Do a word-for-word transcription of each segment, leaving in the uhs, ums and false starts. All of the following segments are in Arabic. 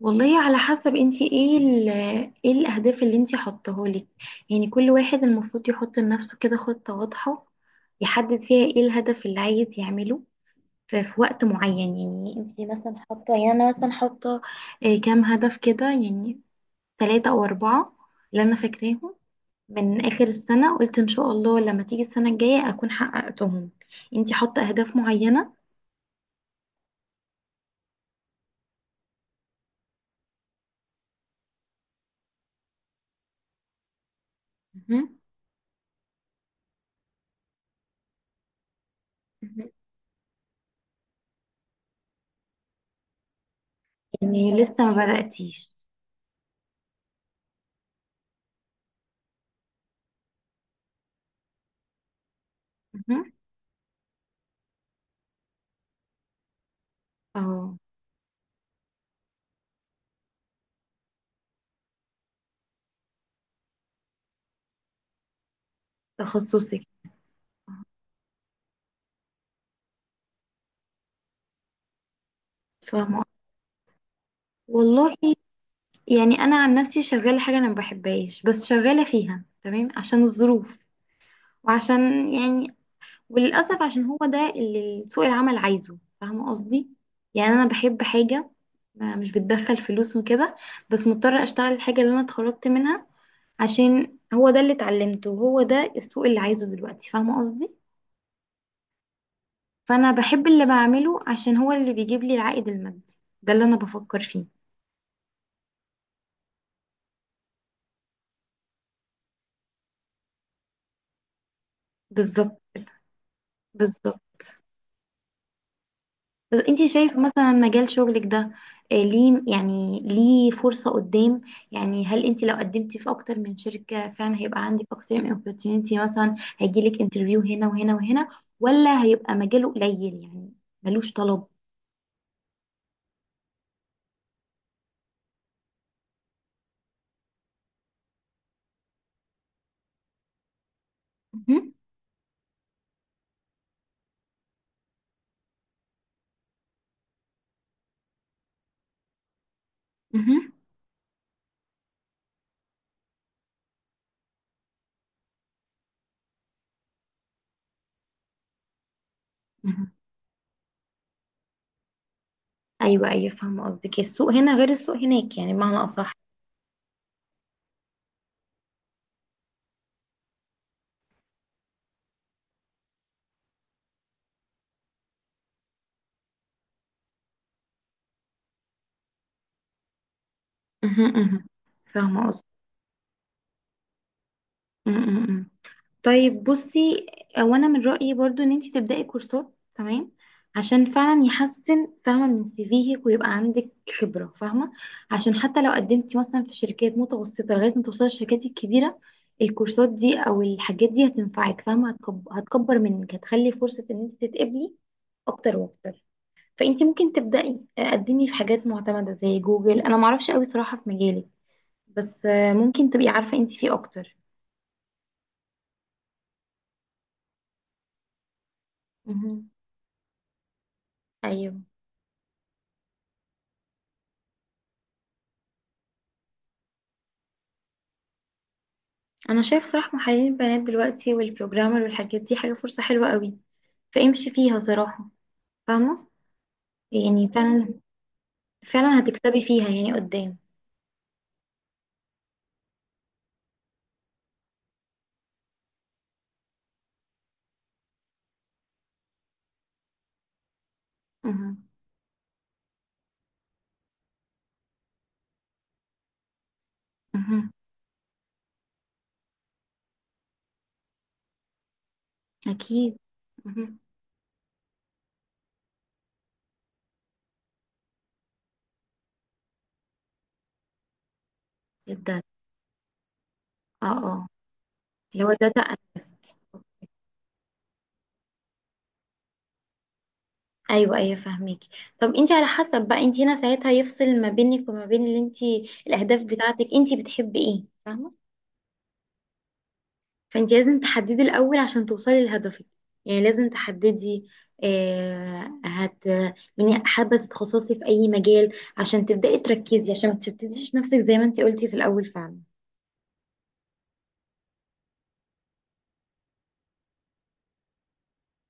والله على حسب انتي ايه ال ايه الاهداف اللي انتي حطاهولك. يعني كل واحد المفروض يحط لنفسه كده خطة واضحة، يحدد فيها ايه الهدف اللي عايز يعمله ف- في وقت معين. يعني انتي مثلا حاطة، يعني انا مثلا حاطة آه، كام هدف كده، يعني ثلاثة او اربعة اللي انا فاكراهم من اخر السنة. قلت ان شاء الله لما تيجي السنة الجاية اكون حققتهم. انتي حاطة اهداف معينة؟ مهم. مهم. يعني لسه ما بدأتيش؟ مهم. اه. تخصصك. فاهمة. والله، يعني أنا عن نفسي شغالة حاجة أنا ما بحبهاش، بس شغالة فيها تمام عشان الظروف، وعشان يعني، وللأسف عشان هو ده اللي سوق العمل عايزه، فاهمة قصدي؟ يعني أنا بحب حاجة ما- مش بتدخل فلوس وكده، بس مضطرة أشتغل الحاجة اللي أنا اتخرجت منها عشان هو ده اللي اتعلمته، وهو ده السوق اللي عايزه دلوقتي، فاهمة قصدي؟ فأنا بحب اللي بعمله عشان هو اللي بيجيب لي العائد المادي. ده اللي أنا بفكر فيه. بالظبط. بالظبط. بس انت شايفه مثلا مجال شغلك ده آه، ليه؟ يعني ليه فرصة قدام؟ يعني هل انت لو قدمتي في اكتر من شركة فعلا هيبقى عندك اكتر من opportunity، مثلا هيجيلك انترفيو هنا وهنا وهنا، ولا هيبقى مجاله قليل يعني، ملوش طلب؟ مهم. مهم. مهم. ايوه ايوه فاهمة قصدك. السوق هنا غير السوق هناك يعني، بمعنى اصح. مهم. مهم. فاهمة قصدك. طيب بصي، هو انا من رأيي برضو ان انتي تبدأي كورسات، تمام؟ عشان فعلا يحسن، فاهمة، من سيفيهك، ويبقى عندك خبرة، فاهمة؟ عشان حتى لو قدمتي مثلا في شركات متوسطة لغاية ما توصلي الشركات الكبيرة، الكورسات دي او الحاجات دي هتنفعك، فاهمة؟ هتكب- هتكبر منك، هتخلي فرصة ان انتي تتقبلي اكتر واكتر. فانتي ممكن تبدأي، آه، قدمي في حاجات معتمدة زي جوجل، انا معرفش قوي صراحة في مجالك، بس آه، ممكن تبقي عارفة انتي فيه اكتر. مهم. ايوه. انا شايف صراحة محللين البيانات دلوقتي والبروجرامر والحاجات دي حاجة فرصة حلوة قوي، فامشي فيها صراحة، فاهمة؟ يعني فعلا، فعلا هتكسبي فيها يعني قدام. مهم. مهم. اكيد. مهم. الداتا. اه اه. اللي هو داتا اناليست. ايوه ايوه فاهميكي. طب انت على حسب بقى، انت هنا ساعتها يفصل ما بينك وما بين اللي انت، الاهداف بتاعتك انت بتحبي ايه، فاهمة؟ فانت لازم تحددي الاول عشان توصلي لهدفك، يعني لازم تحددي آه هت يعني حابه تتخصصي في اي مجال عشان تبداي تركزي، عشان ما تشتتيش نفسك زي ما انت قلتي في الاول فعلا.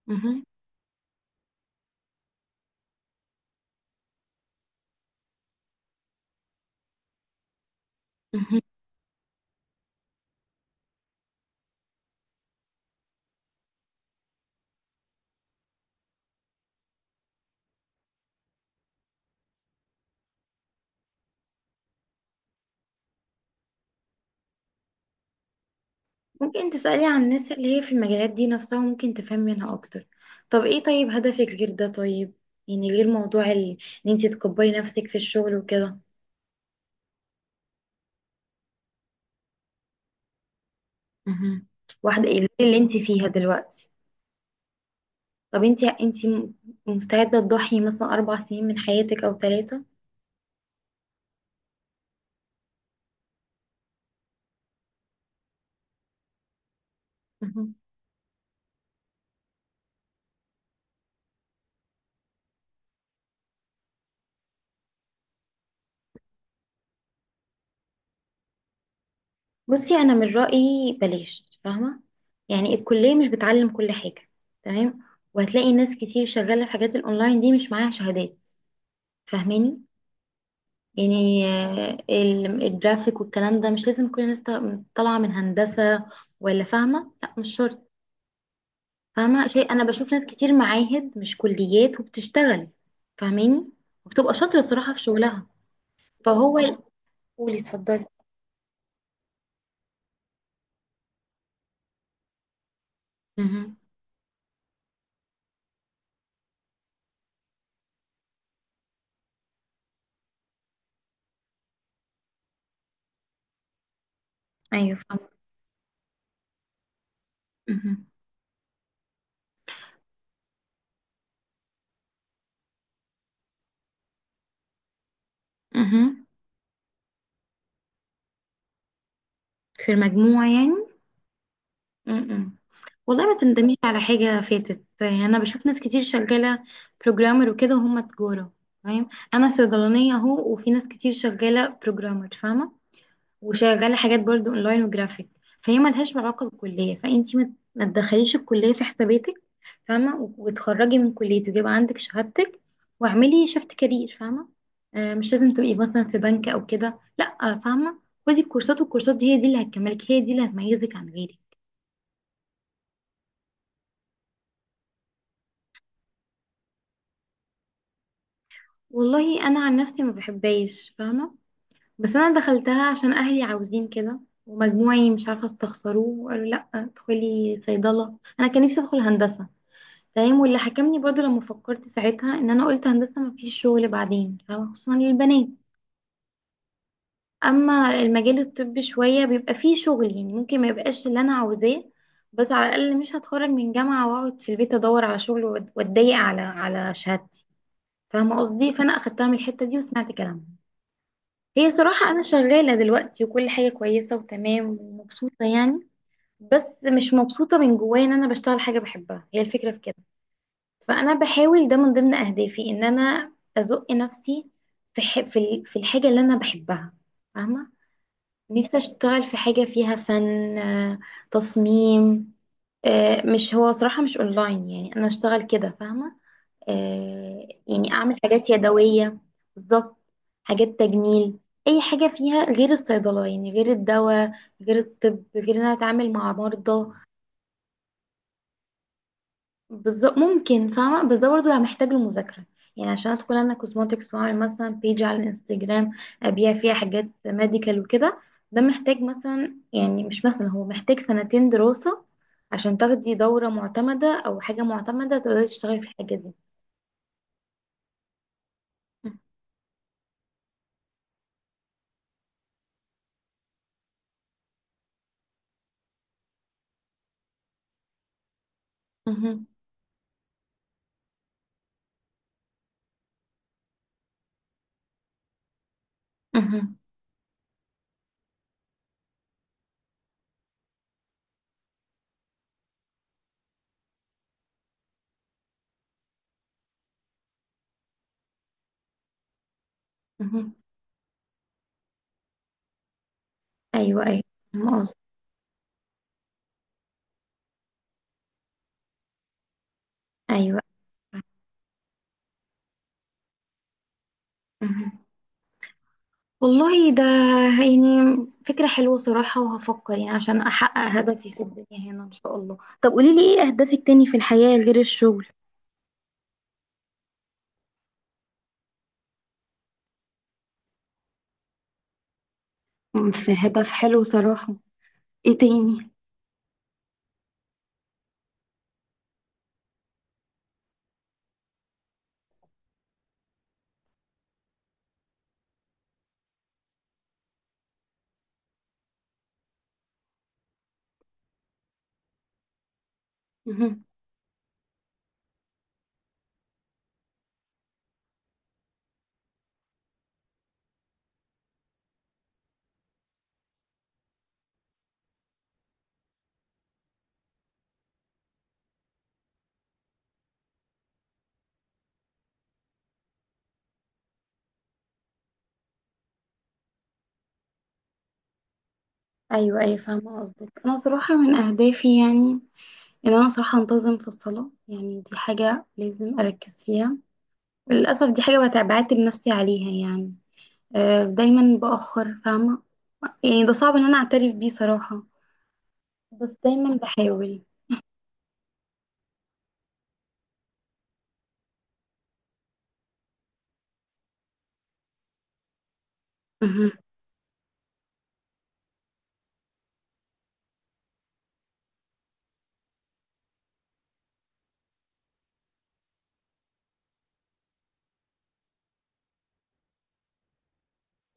مهم. مهم. ممكن تسالي عن الناس اللي هي في المجالات دي نفسها، وممكن تفهمي منها اكتر. طب ايه؟ طيب هدفك غير ده؟ طيب يعني غير موضوع ال- ان انت تكبري نفسك في الشغل وكده. مهم. واحده ايه اللي انت فيها دلوقتي؟ طب انتي انتي م- مستعدة تضحي مثلا أربع سنين من حياتك أو ثلاثة؟ مهم. بصي، أنا من رأيي بلاش، فاهمة؟ يعني الكلية مش بتعلم كل حاجة، تمام؟ وهتلاقي ناس كتير شغالة في حاجات الأونلاين دي مش معاها شهادات، فاهماني؟ يعني آه، ال- الجرافيك والكلام ده مش لازم كل الناس ط- طالعة من هندسة، ولا فاهمة؟ لا مش شرط، فاهمة شيء؟ أنا بشوف ناس كتير معاهد مش كليات وبتشتغل، فاهماني؟ وبتبقى شاطرة صراحة في شغلها. فهو، قولي اتفضلي. مهم. ايوه فاهمة. مهم. مهم. في المجموع يعني. مهم. والله ما تندميش على حاجة فاتت، يعني أنا بشوف ناس كتير شغالة بروجرامر وكده وهم تجارة، فاهم؟ أنا صيدلانية أهو، وفي ناس كتير شغالة بروجرامر، فاهمة؟ وشغاله حاجات برضو اونلاين وجرافيك، فهي ملهاش علاقه بالكليه. فانتي ما ما تدخليش الكليه في حساباتك، فاهمه؟ و- وتخرجي من كليتك ويبقى عندك شهادتك، واعملي شفت كارير، فاهمه؟ آه مش لازم تبقي مثلا في بنك او كده، لا، فاهمه؟ خدي الكورسات، والكورسات دي هي دي اللي هتكملك، هي دي اللي هتميزك عن غيرك. والله انا عن نفسي ما بحبهاش، فاهمه؟ بس انا دخلتها عشان اهلي عاوزين كده، ومجموعي مش عارفه استخسروه، وقالوا لا ادخلي صيدله. انا كان نفسي ادخل هندسه، فاهم؟ واللي حكمني برضو لما فكرت ساعتها ان انا قلت هندسه ما فيش شغل بعدين، فاهمة؟ خصوصا للبنات. اما المجال الطبي شويه بيبقى فيه شغل، يعني ممكن ما يبقاش اللي انا عاوزاه، بس على الاقل مش هتخرج من جامعه واقعد في البيت ادور على شغل وأت- واتضايق على على شهادتي، فاهمه قصدي؟ فانا اخدتها من الحته دي وسمعت كلامها. هي صراحه انا شغاله دلوقتي وكل حاجه كويسه وتمام ومبسوطه، يعني. بس مش مبسوطه من جوايا ان انا بشتغل حاجه بحبها، هي الفكره في كده. فانا بحاول، ده من ضمن اهدافي، ان انا ازق نفسي في ح... في ال- في الحاجه اللي انا بحبها، فاهمه؟ نفسي اشتغل في حاجه فيها فن، آه، تصميم. آه، مش هو صراحه مش اونلاين يعني انا اشتغل كده، فاهمه؟ آه، يعني اعمل حاجات يدويه. بالظبط. حاجات تجميل. اي حاجه فيها غير الصيدله، يعني غير الدواء، غير الطب، غير ان انا اتعامل مع مرضى. بالظبط ممكن، فاهمة، بس ده برضه يعني محتاج المذاكرة. يعني عشان ادخل انا كوزماتكس واعمل مثلا بيج على الانستجرام ابيع فيها حاجات ميديكال وكده، ده محتاج مثلا، يعني مش مثلا، هو محتاج سنتين دراسة عشان تاخدي دورة معتمدة او حاجة معتمدة تقدري تشتغلي في الحاجة دي. مهم. مهم. مهم. ايوه ايوه فاهمة قصدك. ايوه. مهم. والله ده يعني فكرة حلوة صراحة، وهفكر يعني عشان أحقق هدفي في الدنيا هنا إن شاء الله. طب قوليلي إيه أهدافك تاني في الحياة غير الشغل؟ أمم، في هدف حلو صراحة. إيه تاني؟ مهم. أيوة أيوة فاهمة قصدك. أنا صراحة من أهدافي يعني إن أنا صراحة أنتظم في الصلاة، يعني دي حاجة لازم أركز فيها. للأسف دي حاجة بتع- بعاتب نفسي عليها يعني، آه، دايما بأخر، فاهمة؟ يعني ده صعب إن أنا أعترف بيه صراحة، بس دايما بحاول. مهم.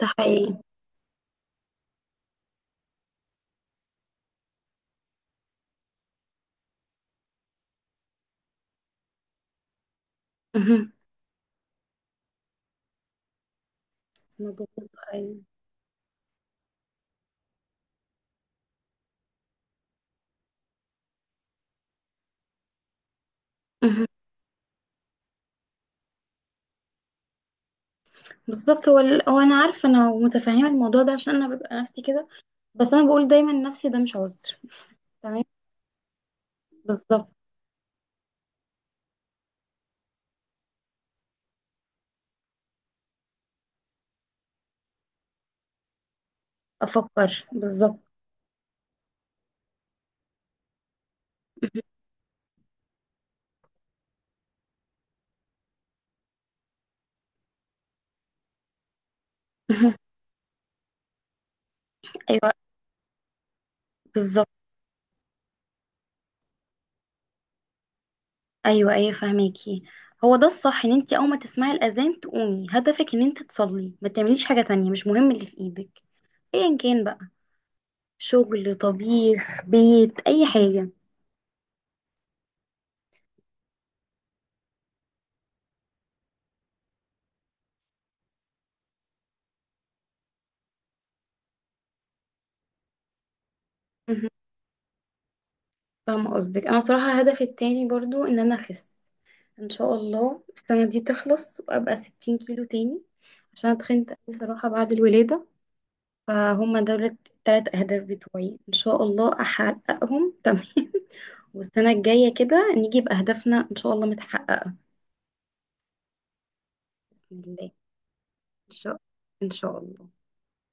ده حقيقي. مهم. انا بجد متخيل. مهم. بالظبط. هو ال- هو انا عارفه، انا متفهمه الموضوع ده عشان انا ببقى نفسي كده، بس انا بقول دايما نفسي ده مش عذر. تمام. بالظبط. افكر بالظبط. مهم. مهم. ايوه. بالظبط. ايوه ايوه فهماكي. هو ده الصح، ان انت اول ما تسمعي الاذان تقومي، هدفك ان انت تصلي، ما تعمليش حاجه تانية، مش مهم اللي في ايدك ايا كان بقى، شغل، طبيخ، بيت، اي حاجه. مهم. فاهمه قصدك. انا صراحه هدفي التاني برضو ان انا اخس، ان شاء الله السنة دي تخلص وابقى ستين كيلو تاني عشان اتخنت قوي صراحة بعد الولادة. فهم دول التلات اهداف بتوعي، ان شاء الله احققهم تمام. والسنة الجاية كده نيجي بأهدافنا ان شاء الله متحققة. بإذن الله. ان شاء ان شاء الله.